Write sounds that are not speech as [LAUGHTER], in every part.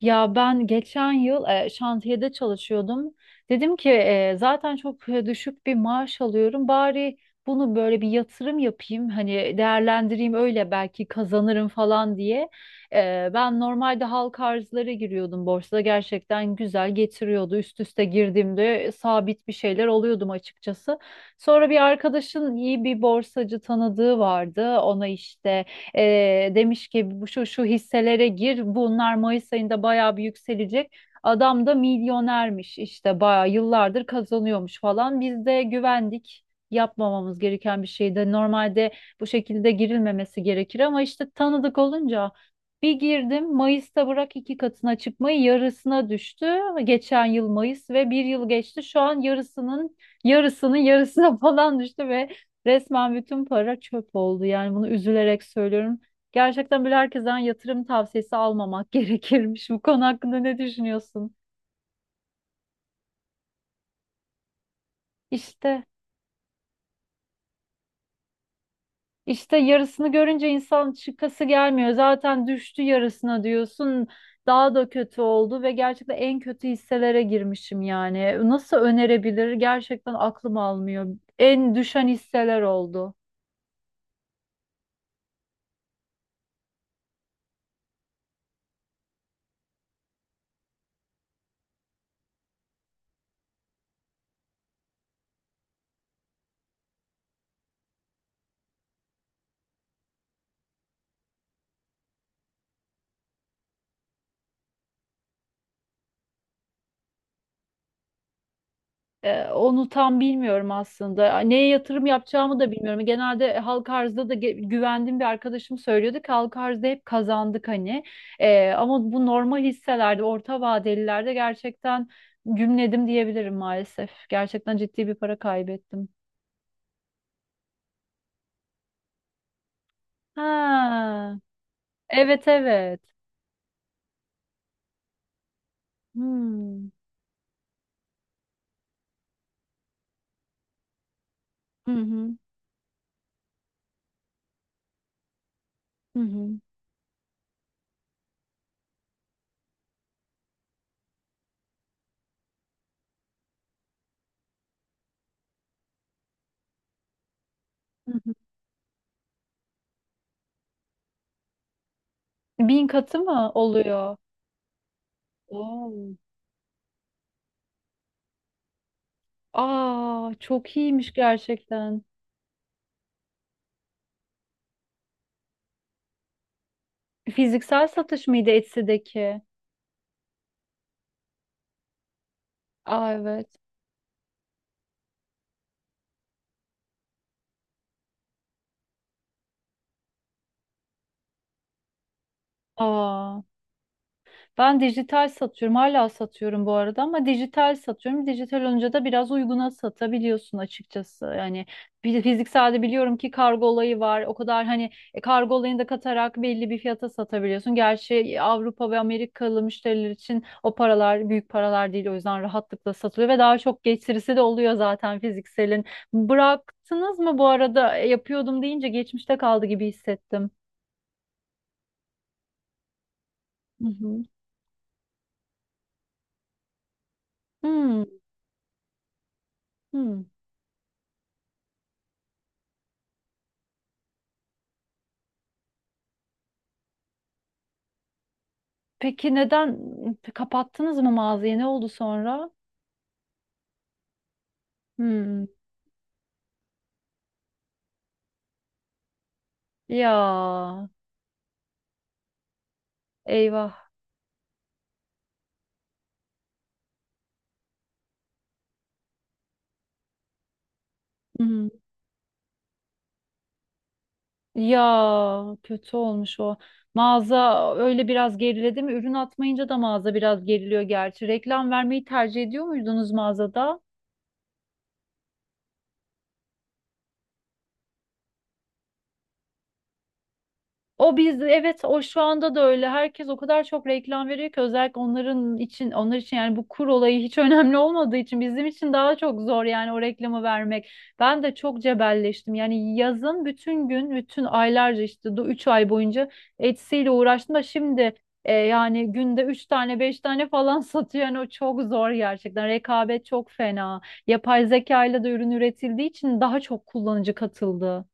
Ya ben geçen yıl şantiyede çalışıyordum. Dedim ki zaten çok düşük bir maaş alıyorum. Bari bunu böyle bir yatırım yapayım. Hani değerlendireyim öyle belki kazanırım falan diye. Ben normalde halk arzlara giriyordum borsada. Gerçekten güzel getiriyordu. Üst üste girdiğimde sabit bir şeyler alıyordum açıkçası. Sonra bir arkadaşın iyi bir borsacı tanıdığı vardı. Ona işte demiş ki bu şu şu hisselere gir, bunlar Mayıs ayında bayağı bir yükselecek. Adam da milyonermiş işte bayağı yıllardır kazanıyormuş falan. Biz de güvendik. Yapmamamız gereken bir şeydi. Normalde bu şekilde girilmemesi gerekir ama işte tanıdık olunca bir girdim Mayıs'ta, bırak iki katına çıkmayı yarısına düştü. Geçen yıl Mayıs ve bir yıl geçti. Şu an yarısının yarısının yarısına [LAUGHS] falan düştü ve resmen bütün para çöp oldu. Yani bunu üzülerek söylüyorum. Gerçekten böyle herkesten yatırım tavsiyesi almamak [LAUGHS] gerekirmiş. Bu konu hakkında ne düşünüyorsun? İşte, işte yarısını görünce insan çıkası gelmiyor. Zaten düştü, yarısına diyorsun. Daha da kötü oldu ve gerçekten en kötü hisselere girmişim yani. Nasıl önerebilir? Gerçekten aklım almıyor. En düşen hisseler oldu. Onu tam bilmiyorum aslında. Neye yatırım yapacağımı da bilmiyorum. Genelde halka arzda da güvendiğim bir arkadaşım söylüyordu ki halka arzda hep kazandık hani. Ama bu normal hisselerde, orta vadelilerde gerçekten gümledim diyebilirim maalesef. Gerçekten ciddi bir para kaybettim. Ha, evet, evet. Hmm. Hı hı. Hı hı. Hı hı. 1000 katı mı oluyor? Oo. Aa, çok iyiymiş gerçekten. Fiziksel satış mıydı Etsy'deki? Aa, evet. Aa. Ben dijital satıyorum. Hala satıyorum bu arada ama dijital satıyorum. Dijital olunca da biraz uyguna satabiliyorsun açıkçası. Yani bir fizikselde biliyorum ki kargo olayı var. O kadar hani kargo olayını da katarak belli bir fiyata satabiliyorsun. Gerçi Avrupa ve Amerikalı müşteriler için o paralar büyük paralar değil. O yüzden rahatlıkla satılıyor ve daha çok getirisi de oluyor zaten fizikselin. Bıraktınız mı bu arada? Yapıyordum deyince geçmişte kaldı gibi hissettim. Hı hı. Hmm, hmm. Peki neden kapattınız mı mağazayı? Ne oldu sonra? Hmm. Ya, eyvah. Hmm. Ya, kötü olmuş o. Mağaza öyle biraz geriledi mi? Ürün atmayınca da mağaza biraz geriliyor gerçi. Reklam vermeyi tercih ediyor muydunuz mağazada? O biz, evet, o şu anda da öyle. Herkes o kadar çok reklam veriyor ki özellikle onlar için yani bu kur olayı hiç [LAUGHS] önemli olmadığı için bizim için daha çok zor yani o reklamı vermek. Ben de çok cebelleştim. Yani yazın bütün gün, bütün aylarca işte 3 ay boyunca Etsy'yle uğraştım da şimdi yani günde 3 tane 5 tane falan [LAUGHS] satıyor. Yani o çok zor gerçekten. Rekabet çok fena. Yapay zeka ile de ürün üretildiği için daha çok kullanıcı katıldı.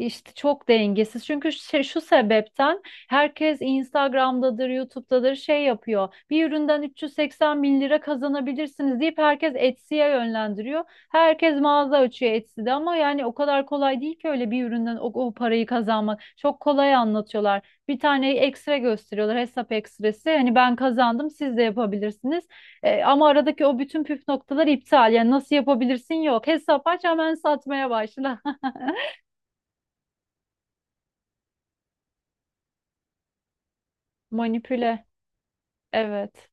İşte çok dengesiz. Çünkü şu sebepten herkes Instagram'dadır, YouTube'dadır şey yapıyor. Bir üründen 380 bin lira kazanabilirsiniz deyip herkes Etsy'ye yönlendiriyor. Herkes mağaza açıyor Etsy'de ama yani o kadar kolay değil ki öyle bir üründen o parayı kazanmak. Çok kolay anlatıyorlar. Bir tane ekstra gösteriyorlar hesap ekstresi. Hani ben kazandım, siz de yapabilirsiniz. Ama aradaki o bütün püf noktalar iptal. Yani nasıl yapabilirsin, yok. Hesap aç, hemen satmaya başla. [LAUGHS] Manipüle. Evet.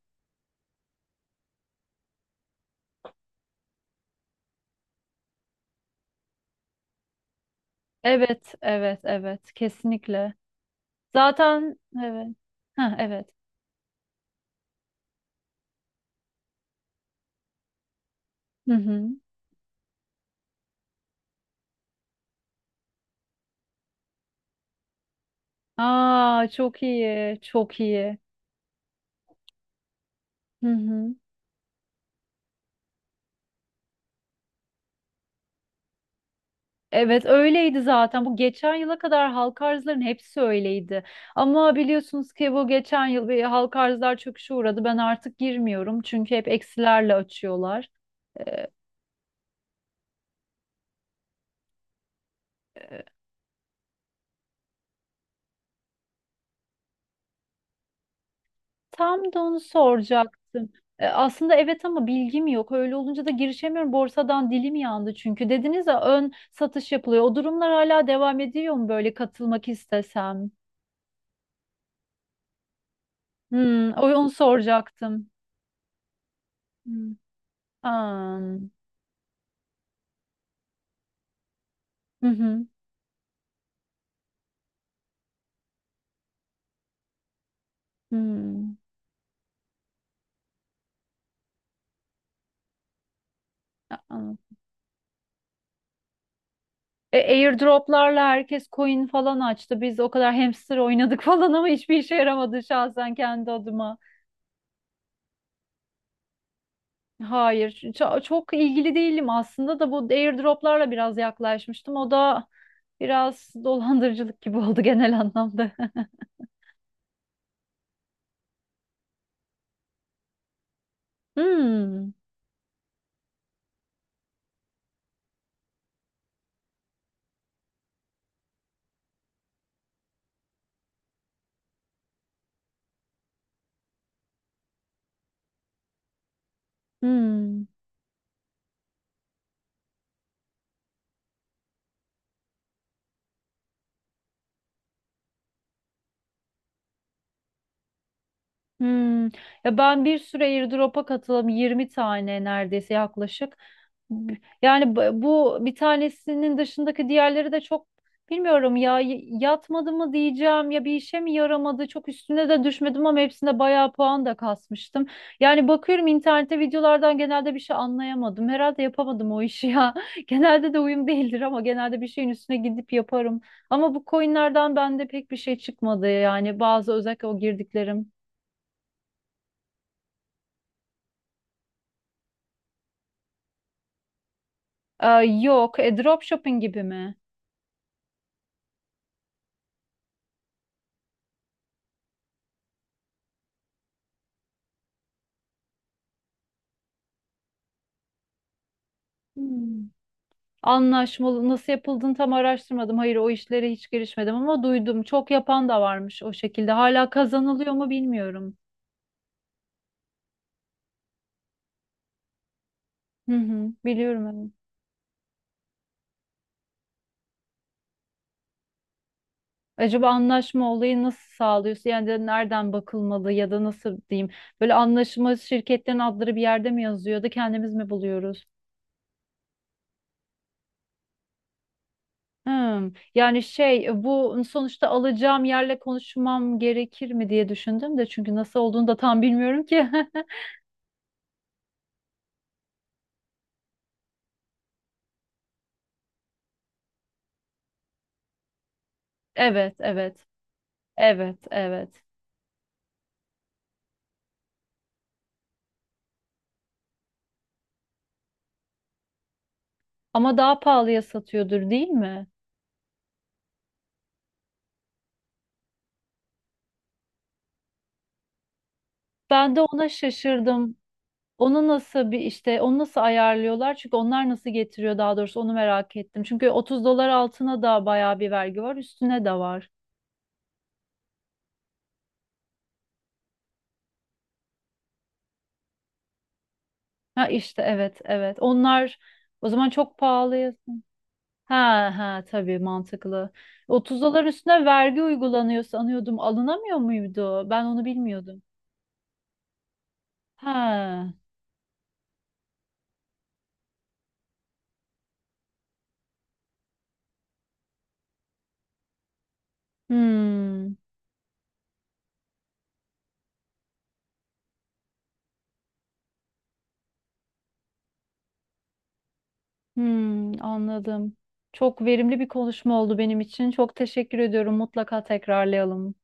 Evet, evet, evet. Kesinlikle. Zaten evet. Ha, evet. Hı hı. Aa, çok iyi. Çok iyi. Hı hı. Evet, öyleydi zaten. Bu geçen yıla kadar halk arzların hepsi öyleydi. Ama biliyorsunuz ki bu geçen yıl bir halk arzlar çöküşe uğradı. Ben artık girmiyorum çünkü hep eksilerle açıyorlar. Tam da onu soracaktım. Aslında evet ama bilgim yok. Öyle olunca da girişemiyorum. Borsadan dilim yandı çünkü. Dediniz ya ön satış yapılıyor. O durumlar hala devam ediyor mu böyle katılmak istesem? Hmm, onu soracaktım. Hmm. Aa. Hı hı. Hmm. Aa. Airdroplarla herkes coin falan açtı. Biz o kadar hamster oynadık [LAUGHS] falan ama hiçbir işe yaramadı şahsen kendi adıma. Hayır, çok ilgili değilim aslında da bu airdroplarla biraz yaklaşmıştım. O da biraz dolandırıcılık gibi [LAUGHS] oldu genel anlamda. [LAUGHS] Hmm, hmm, hmm. Ya ben bir süre airdrop'a katıldım. 20 tane neredeyse yaklaşık. Yani bu bir tanesinin dışındaki diğerleri de çok bilmiyorum ya yatmadı mı diyeceğim ya bir işe mi yaramadı, çok üstüne de düşmedim ama hepsinde bayağı puan da kasmıştım. Yani bakıyorum internette videolardan genelde bir şey anlayamadım. Herhalde yapamadım o işi ya. [LAUGHS] Genelde de uyum değildir ama genelde bir şeyin üstüne gidip yaparım. Ama bu coinlerden bende pek bir şey çıkmadı yani bazı özellikle o girdiklerim. Ee, yok, dropshipping gibi mi? Hmm. Anlaşmalı nasıl yapıldığını tam araştırmadım. Hayır, o işlere hiç girişmedim ama duydum. Çok yapan da varmış o şekilde. Hala kazanılıyor mu bilmiyorum. Hı hı, biliyorum, evet. Acaba anlaşma olayı nasıl sağlıyorsun? Yani de nereden bakılmalı ya da nasıl diyeyim? Böyle anlaşma şirketlerin adları bir yerde mi yazıyor da kendimiz mi buluyoruz? Hmm. Yani şey bu sonuçta alacağım yerle konuşmam gerekir mi diye düşündüm de çünkü nasıl olduğunu da tam bilmiyorum ki. [LAUGHS] Evet, evet. Evet, evet. Ama daha pahalıya satıyordur değil mi? Ben de ona şaşırdım. Onu nasıl bir işte onu nasıl ayarlıyorlar? Çünkü onlar nasıl getiriyor daha doğrusu onu merak ettim. Çünkü 30 dolar altına da bayağı bir vergi var, üstüne de var. Ha, işte, evet, evet. Onlar o zaman çok pahalıya. Ha, ha, tabii, mantıklı. 30 dolar üstüne vergi uygulanıyor sanıyordum. Alınamıyor muydu? Ben onu bilmiyordum. Ha. Hmm. Hmm, anladım. Çok verimli bir konuşma oldu benim için. Çok teşekkür ediyorum. Mutlaka tekrarlayalım.